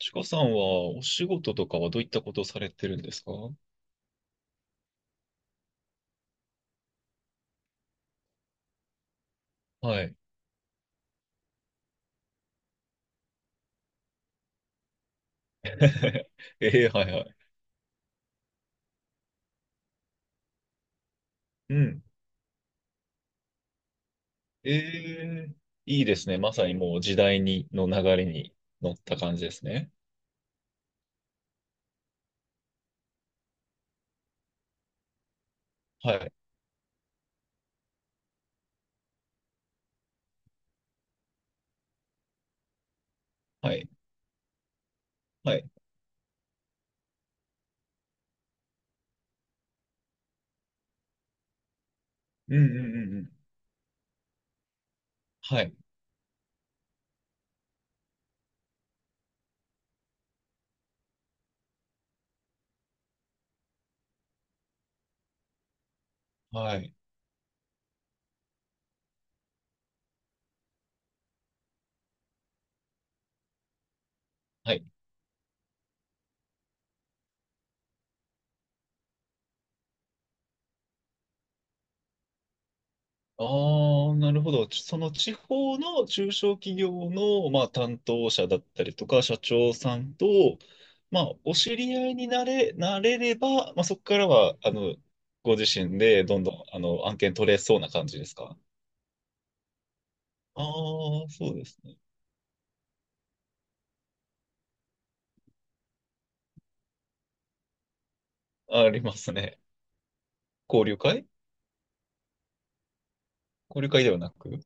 ちかさんはお仕事とかはどういったことをされてるんですか？はい。ええはいはい。うん。ええ、いいですね。まさにもう時代に、の流れに乗った感じですね。はい。はい。はい。うんうんうんうん。はい。はい。はい。ああ、なるほど。その地方の中小企業の、まあ、担当者だったりとか、社長さんと、まあ、お知り合いになれれば、まあ、そこからは、ご自身でどんどん、案件取れそうな感じですか？ああー、そうですね。ありますね。交流会。交流会ではなく、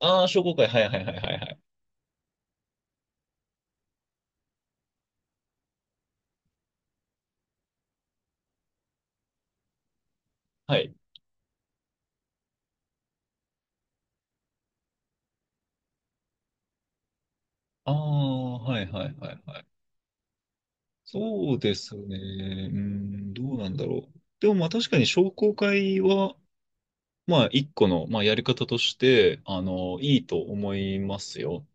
ああー、商工会。はいはいはいはいはい。はい。ああ、はいはいはいはい。そうですね。うん、どうなんだろう。でもまあ確かに商工会は、まあ一個の、まあ、やり方として、いいと思いますよ。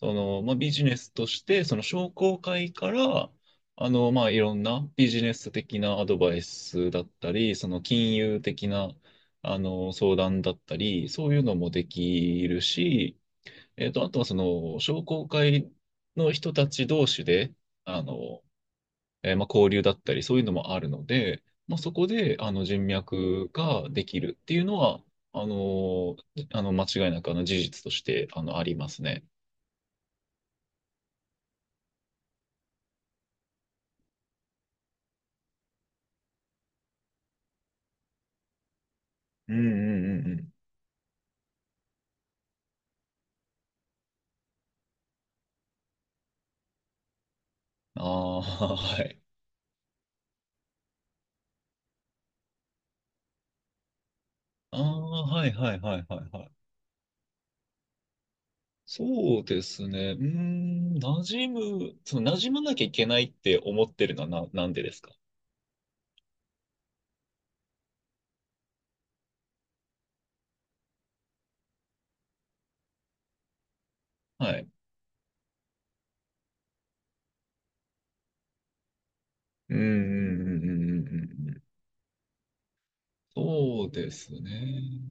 その、まあビジネスとして、その商工会から、まあいろんなビジネス的なアドバイスだったり、その金融的な、相談だったり、そういうのもできるし、あとはその商工会の人たち同士で、あの、まあ、交流だったり、そういうのもあるので、まあ、そこであの人脈ができるっていうのは、あのー間違いなく事実としてありますね。うんうんうんうん。ああ、はい。ああ、はいはいはいはいはい。そうですね。うーん、馴染む、その馴染まなきゃいけないって思ってるのはなんでですか？はい。うんうんうんうんうんうんうん。そうですね。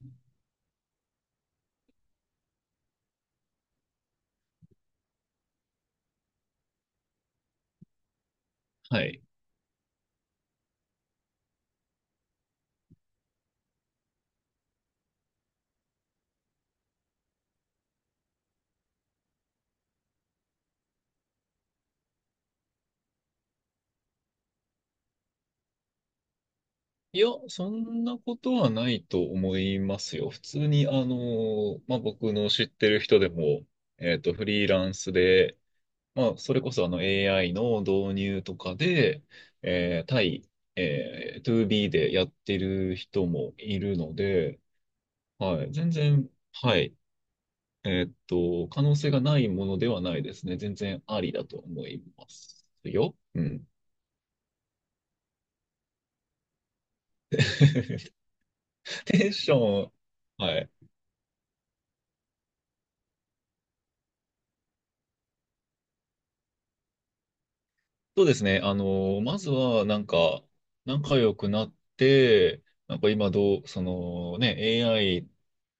はい。いや、そんなことはないと思いますよ。普通に、まあ、僕の知ってる人でも、フリーランスで、まあ、それこそAI の導入とかで、えー、対、えー、2B でやってる人もいるので、はい、全然、はい、可能性がないものではないですね。全然ありだと思いますよ。うん。テンション、はい。そうですね。まずは、なんか、仲良くなって、なんか今どう、そのね、AI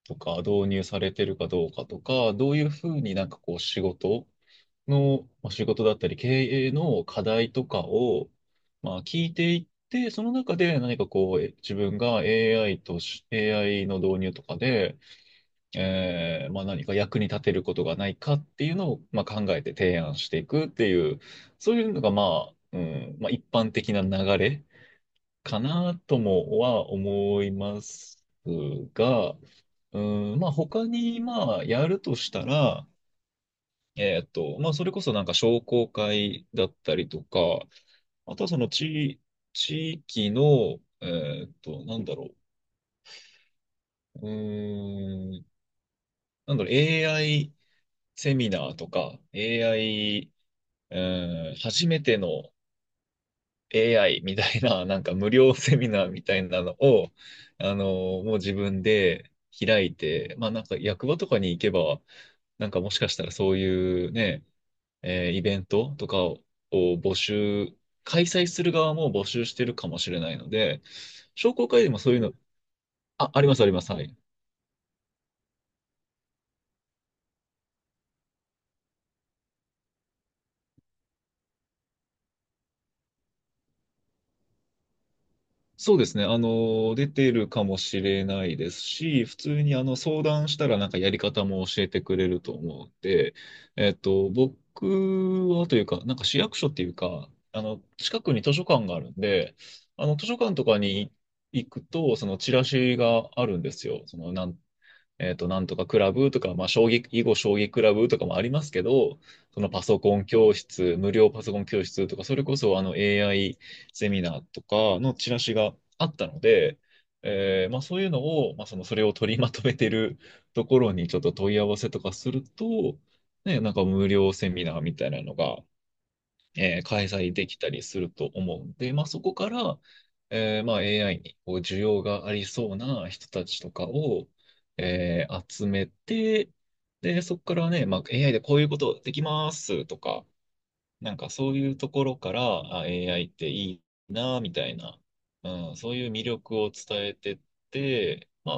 とか導入されてるかどうかとか、どういうふうになんかこう仕事の、まあ、仕事だったり経営の課題とかを、まあ聞いていって、その中で何かこう、自分が AI の導入とかで、まあ、何か役に立てることがないかっていうのを、まあ、考えて提案していくっていう、そういうのが、まあ、うん、まあ、一般的な流れかなともは思いますが、うん、まあ、他に、まあ、やるとしたら、まあ、それこそなんか商工会だったりとか、あとはその地域の、なんだろう、うーん、なんだろう、セミナーとか AI、うん、初めての AI みたいな、なんか無料セミナーみたいなのを、もう自分で開いて、まあなんか役場とかに行けば、なんかもしかしたらそういうね、イベントとかを募集、開催する側も募集してるかもしれないので、商工会でもそういうの、あ、ありますあります。はい。そうですね。出てるかもしれないですし、普通に相談したらなんかやり方も教えてくれると思うので、僕はというか、なんか市役所っていうか、近くに図書館があるんで、図書館とかに行くと、そのチラシがあるんですよ。なんとかクラブとか、まあ、囲碁将棋クラブとかもありますけど、そのパソコン教室、無料パソコン教室とか、それこそAI セミナーとかのチラシがあったので、まあ、そういうのを、まあ、それを取りまとめてるところにちょっと問い合わせとかすると、ね、なんか無料セミナーみたいなのが開催できたりすると思うんで、まあ、そこから、まあ、AI にこう需要がありそうな人たちとかを、集めて、で、そこからね、まあ、AI でこういうことできますとか、なんかそういうところから、あ、AI っていいな、みたいな、うん、そういう魅力を伝えてって、まあ、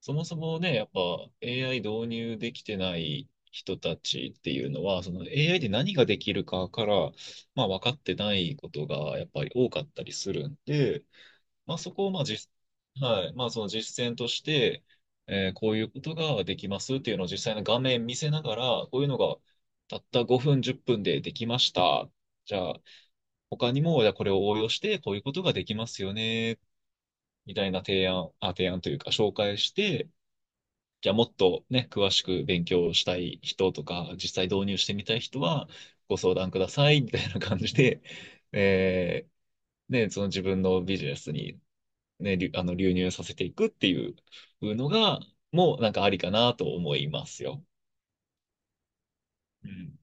そもそもね、やっぱ AI 導入できてない人たちっていうのは、その AI で何ができるかから、まあ、分かってないことがやっぱり多かったりするんで、まあ、そこをまあはい、まあ、その実践として、こういうことができますっていうのを実際の画面見せながら、こういうのがたった5分、10分でできました。じゃあ、他にも、じゃあこれを応用して、こういうことができますよね、みたいな提案、あ、提案というか紹介して、じゃあもっとね、詳しく勉強したい人とか、実際導入してみたい人はご相談くださいみたいな感じで、えね、その自分のビジネスに、ね、流あの流入させていくっていうのが、もうなんかありかなと思いますよ。うん。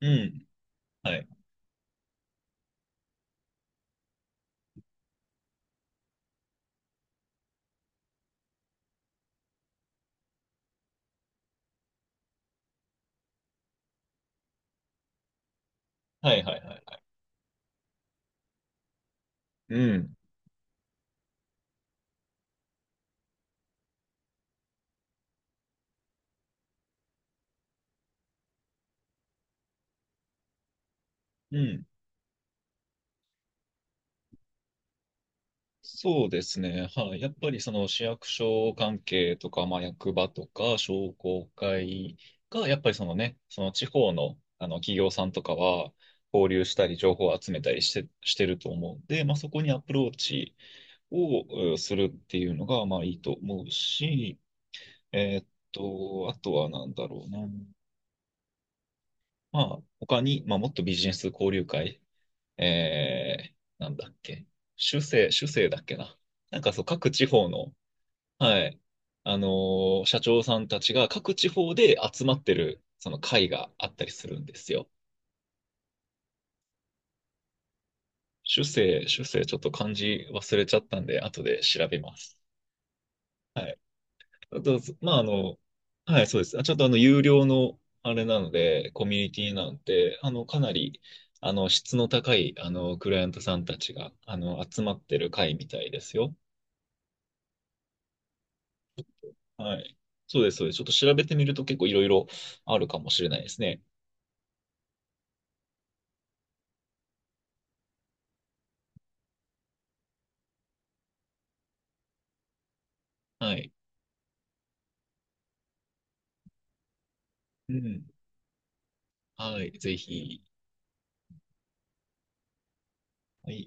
うん。はい。はいはいはいはい。うん。うん。そうですね。はい。やっぱりその市役所関係とか、まあ、役場とか商工会が、やっぱりそのね、その地方の、あの企業さんとかは交流したり情報を集めたりしてると思うんで、まあ、そこにアプローチをうんするっていうのが、まあいいと思うし、えーっあとはなんだろうな。まあ他に、まあもっとビジネス交流会、えなんだっけ。主政、主政だっけな。なんかそう、各地方の、はい。あの社長さんたちが各地方で集まってる、その会があったりするんですよ。主生、主生、ちょっと漢字忘れちゃったんで、後で調べます。はい。あと、まあ、はい、そうです。あちょっと有料の、あれなので、コミュニティなんて、かなり、質の高い、クライアントさんたちが、集まってる会みたいですよ。はい。そうです、そうです。ちょっと調べてみると結構いろいろあるかもしれないですね。はい。うん。はい、ぜひ。はい。